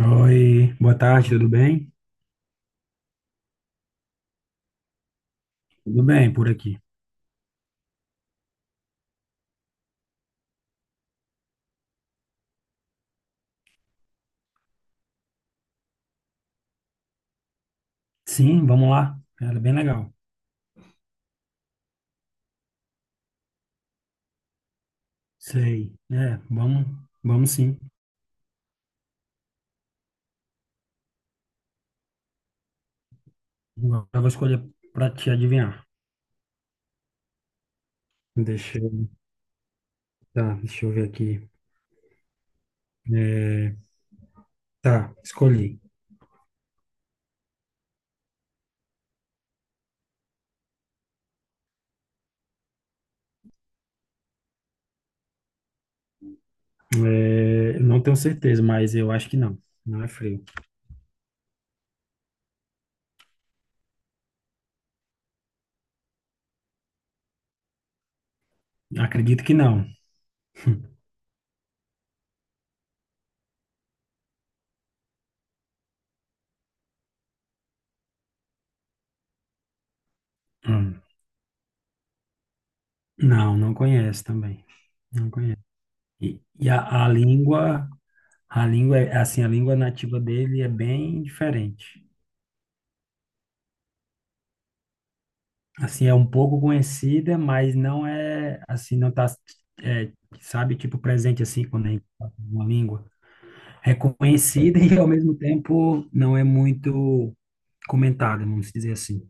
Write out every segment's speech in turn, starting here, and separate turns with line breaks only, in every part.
Oi, boa tarde, tudo bem? Tudo bem por aqui. Sim, vamos lá. Era bem legal. Sei. É, vamos, vamos sim. Agora eu vou escolher para te adivinhar. Deixa eu, tá, deixa eu ver aqui. É, tá, escolhi. É, eu não tenho certeza, mas eu acho que não. Não é frio. Acredito que não. Hum. Não, não conhece também. Não conhece. E, e a língua, a língua é assim, a língua nativa dele é bem diferente. Assim, é um pouco conhecida, mas não é, assim, não tá, é, sabe, tipo presente, assim, quando a gente fala uma língua. É conhecida e, ao mesmo tempo, não é muito comentada, vamos dizer assim.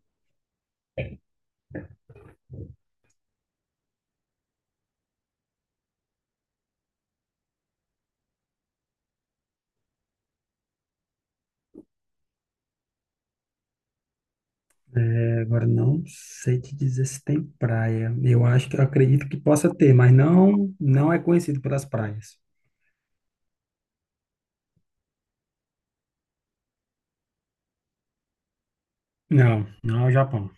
É, agora, não sei te dizer se tem praia. Eu acho que, eu acredito que possa ter, mas não, não é conhecido pelas praias. Não, não é o Japão.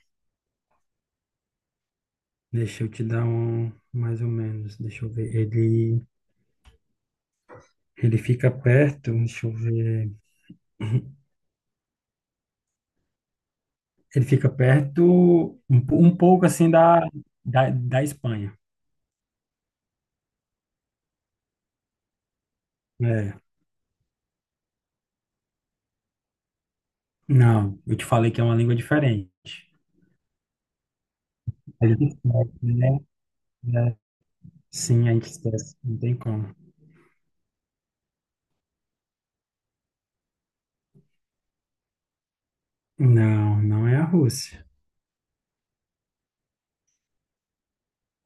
Deixa eu te dar um, mais ou menos, deixa eu ver. Ele fica perto, deixa eu ver. Ele fica perto, um, um pouco assim da Espanha. É. Não, eu te falei que é uma língua diferente. A gente esquece, né? É. Sim, a gente esquece, não tem como. Não, não é a Rússia.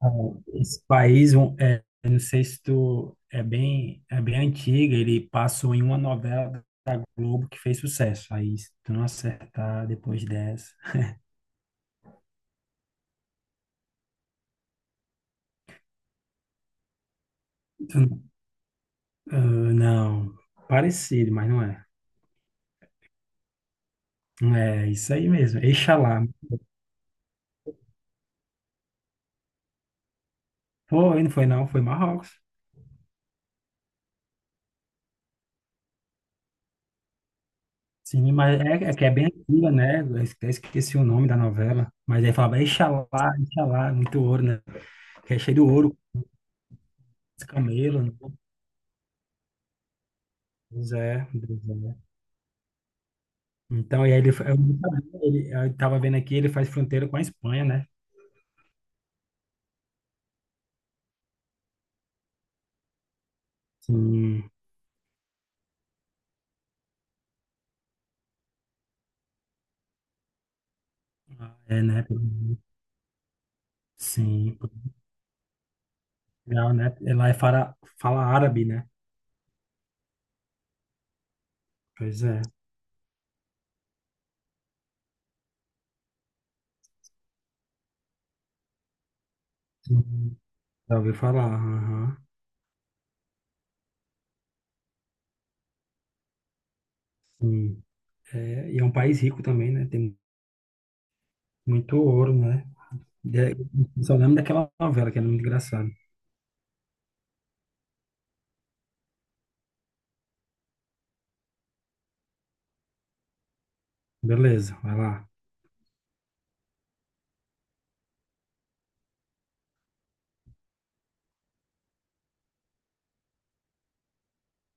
Ah, esse país, um, é, eu não sei se tu é bem antiga, ele passou em uma novela da Globo que fez sucesso. Aí, se tu não acertar depois dessa. Tu- ah, não, parecido, mas não é. É isso aí mesmo. Eixalá. Foi, não foi não, foi Marrocos. Sim, mas é, é que é bem antiga, né? Esqueci o nome da novela. Mas aí falava, Exalá, Exalá, muito ouro, né? Que é cheio de ouro, os camelos, né? Pois é, pois é. Então, e aí ele, eu não sabia, ele, eu tava vendo aqui, ele faz fronteira com a Espanha, né? Sim, ah, é, né? Sim, Portugal, né? Lá é fala, fala árabe, né? Pois é, sim, já ouvi falar, aham, sim. É, e é um país rico também, né? Tem muito ouro, né? E aí, eu só lembro daquela novela, que era muito engraçado. Beleza, vai lá.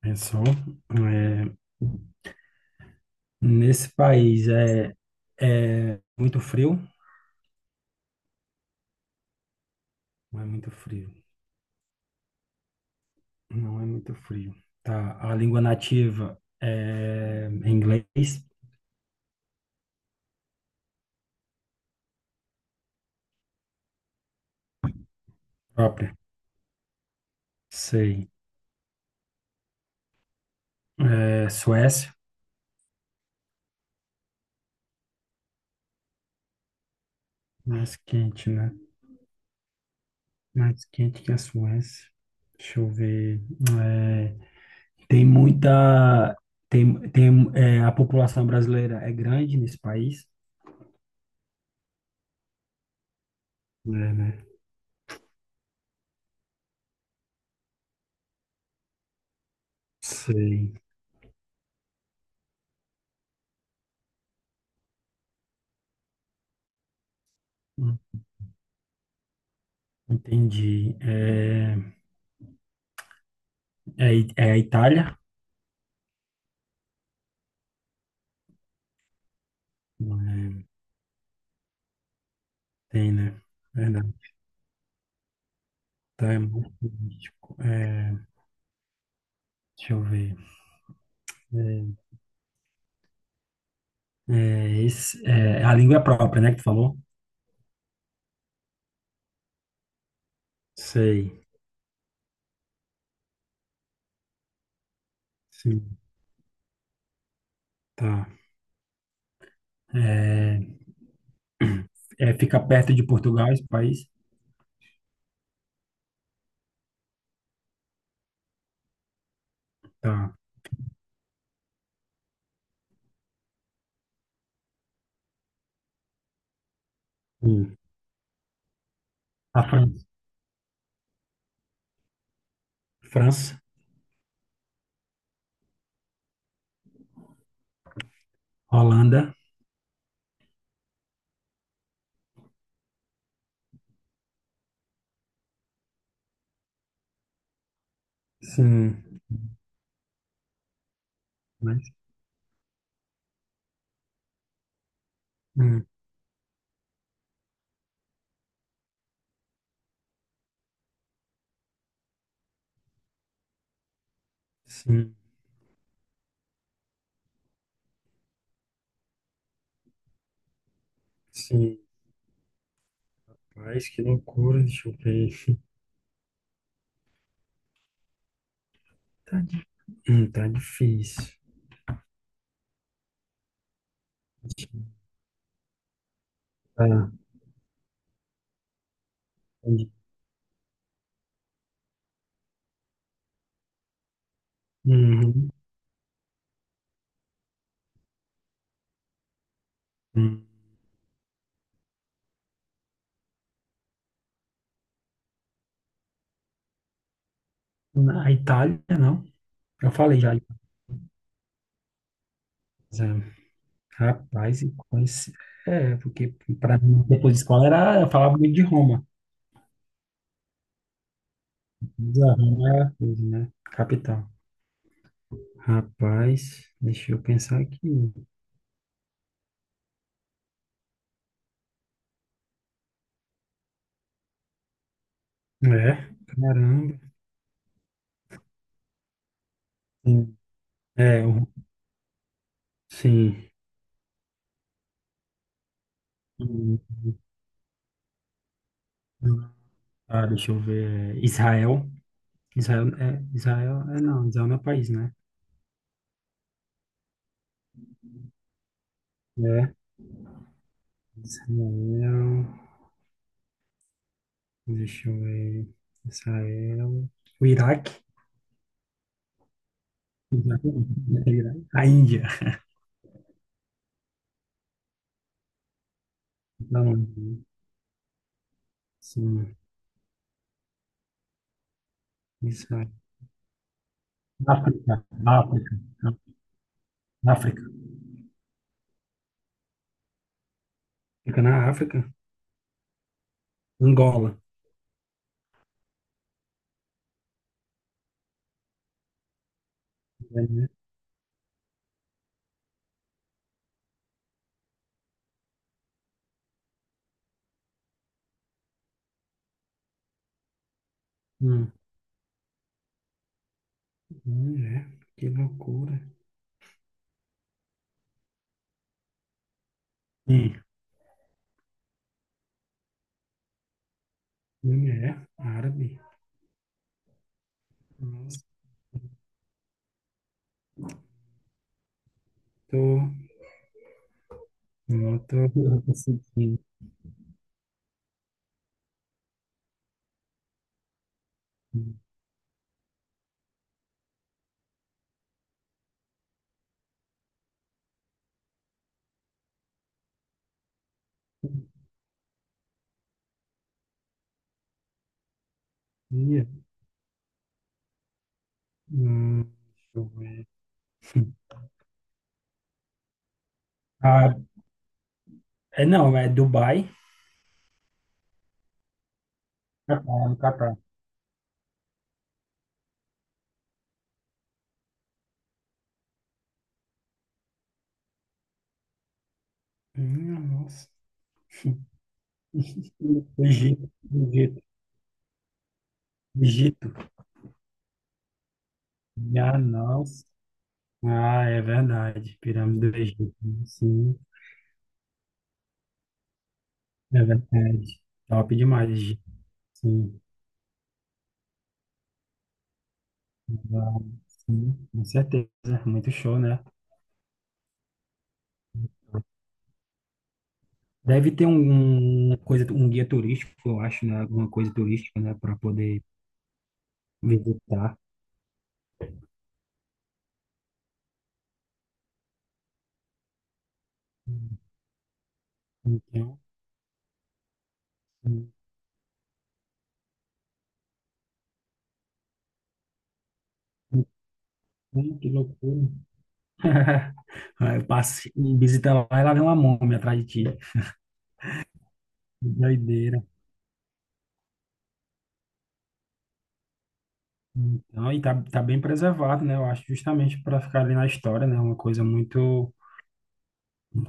Pensou. É, nesse país é, é muito frio? Não é muito frio. Não é muito frio. Tá. A língua nativa é inglês própria. Sei. É, Suécia. Mais quente, né? Mais quente que a Suécia. Deixa eu ver. É, tem muita. Tem, é, a população brasileira é grande nesse país. É, né? Sei. Hum, Entendi. É, é, é a Itália? É, tem, né? Verdade. Tá, é muito turístico. É, deixa eu ver. É, é, esse, é a língua própria, né, que tu falou? Sei. Sim, tá. É, é, fica perto de Portugal, esse país? Tá. Hum. A Fran- França, Holanda. Sim. Mas, hum, sim, sim. Mas que loucura, deixa eu ver. Tá. Tá difícil. Tá. Uhum, uhum. Na Itália, não. Eu falei já. Mas, é, rapaz, e conheci. É, porque para mim, depois de escola, era, eu falava muito de Roma. Mas a Roma era a coisa, né? Capital. Rapaz, deixa eu pensar aqui. É, caramba. Sim. É, o- sim. Hum, ah, deixa eu ver. Israel. Israel é não, Israel não é país, né? É. Israel, deixa eu ver. Israel. O Iraque? Não, não é o Iraque. A Índia. Não, sim. Israel. África. África. África. Fica na África. Angola. É, né? Hum. Mulher, que loucura. Hum. Mulher, árabe. Nossa, tô, não tô conseguindo. Ih, hum, deixa eu ver. Ah, é, não, é Dubai. Catar, no Catar. Nossa. Egito, Egito, Egito. Ah, nossa. Ah, é verdade. Pirâmide do Egito. Né? Sim, é verdade. Top demais, Egito. Sim. Ah, sim, com certeza. Muito show, né? Deve ter um, uma coisa, um guia turístico, eu acho, né? Alguma coisa turística, né? Para poder visitar. Então, sim. Então, que loucura. Aí eu passo, visita lá e lá vem uma múmia atrás de ti. Que doideira. Então, e tá, tá bem preservado, né? Eu acho justamente para ficar ali na história, né? Uma coisa muito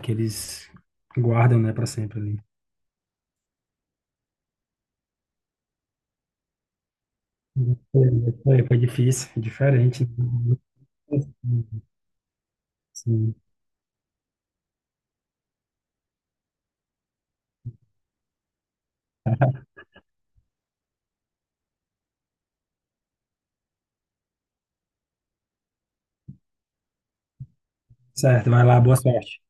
que eles guardam, né, para sempre ali. Foi, foi difícil, diferente. Né? Sim. Certo, vai lá, boa sorte.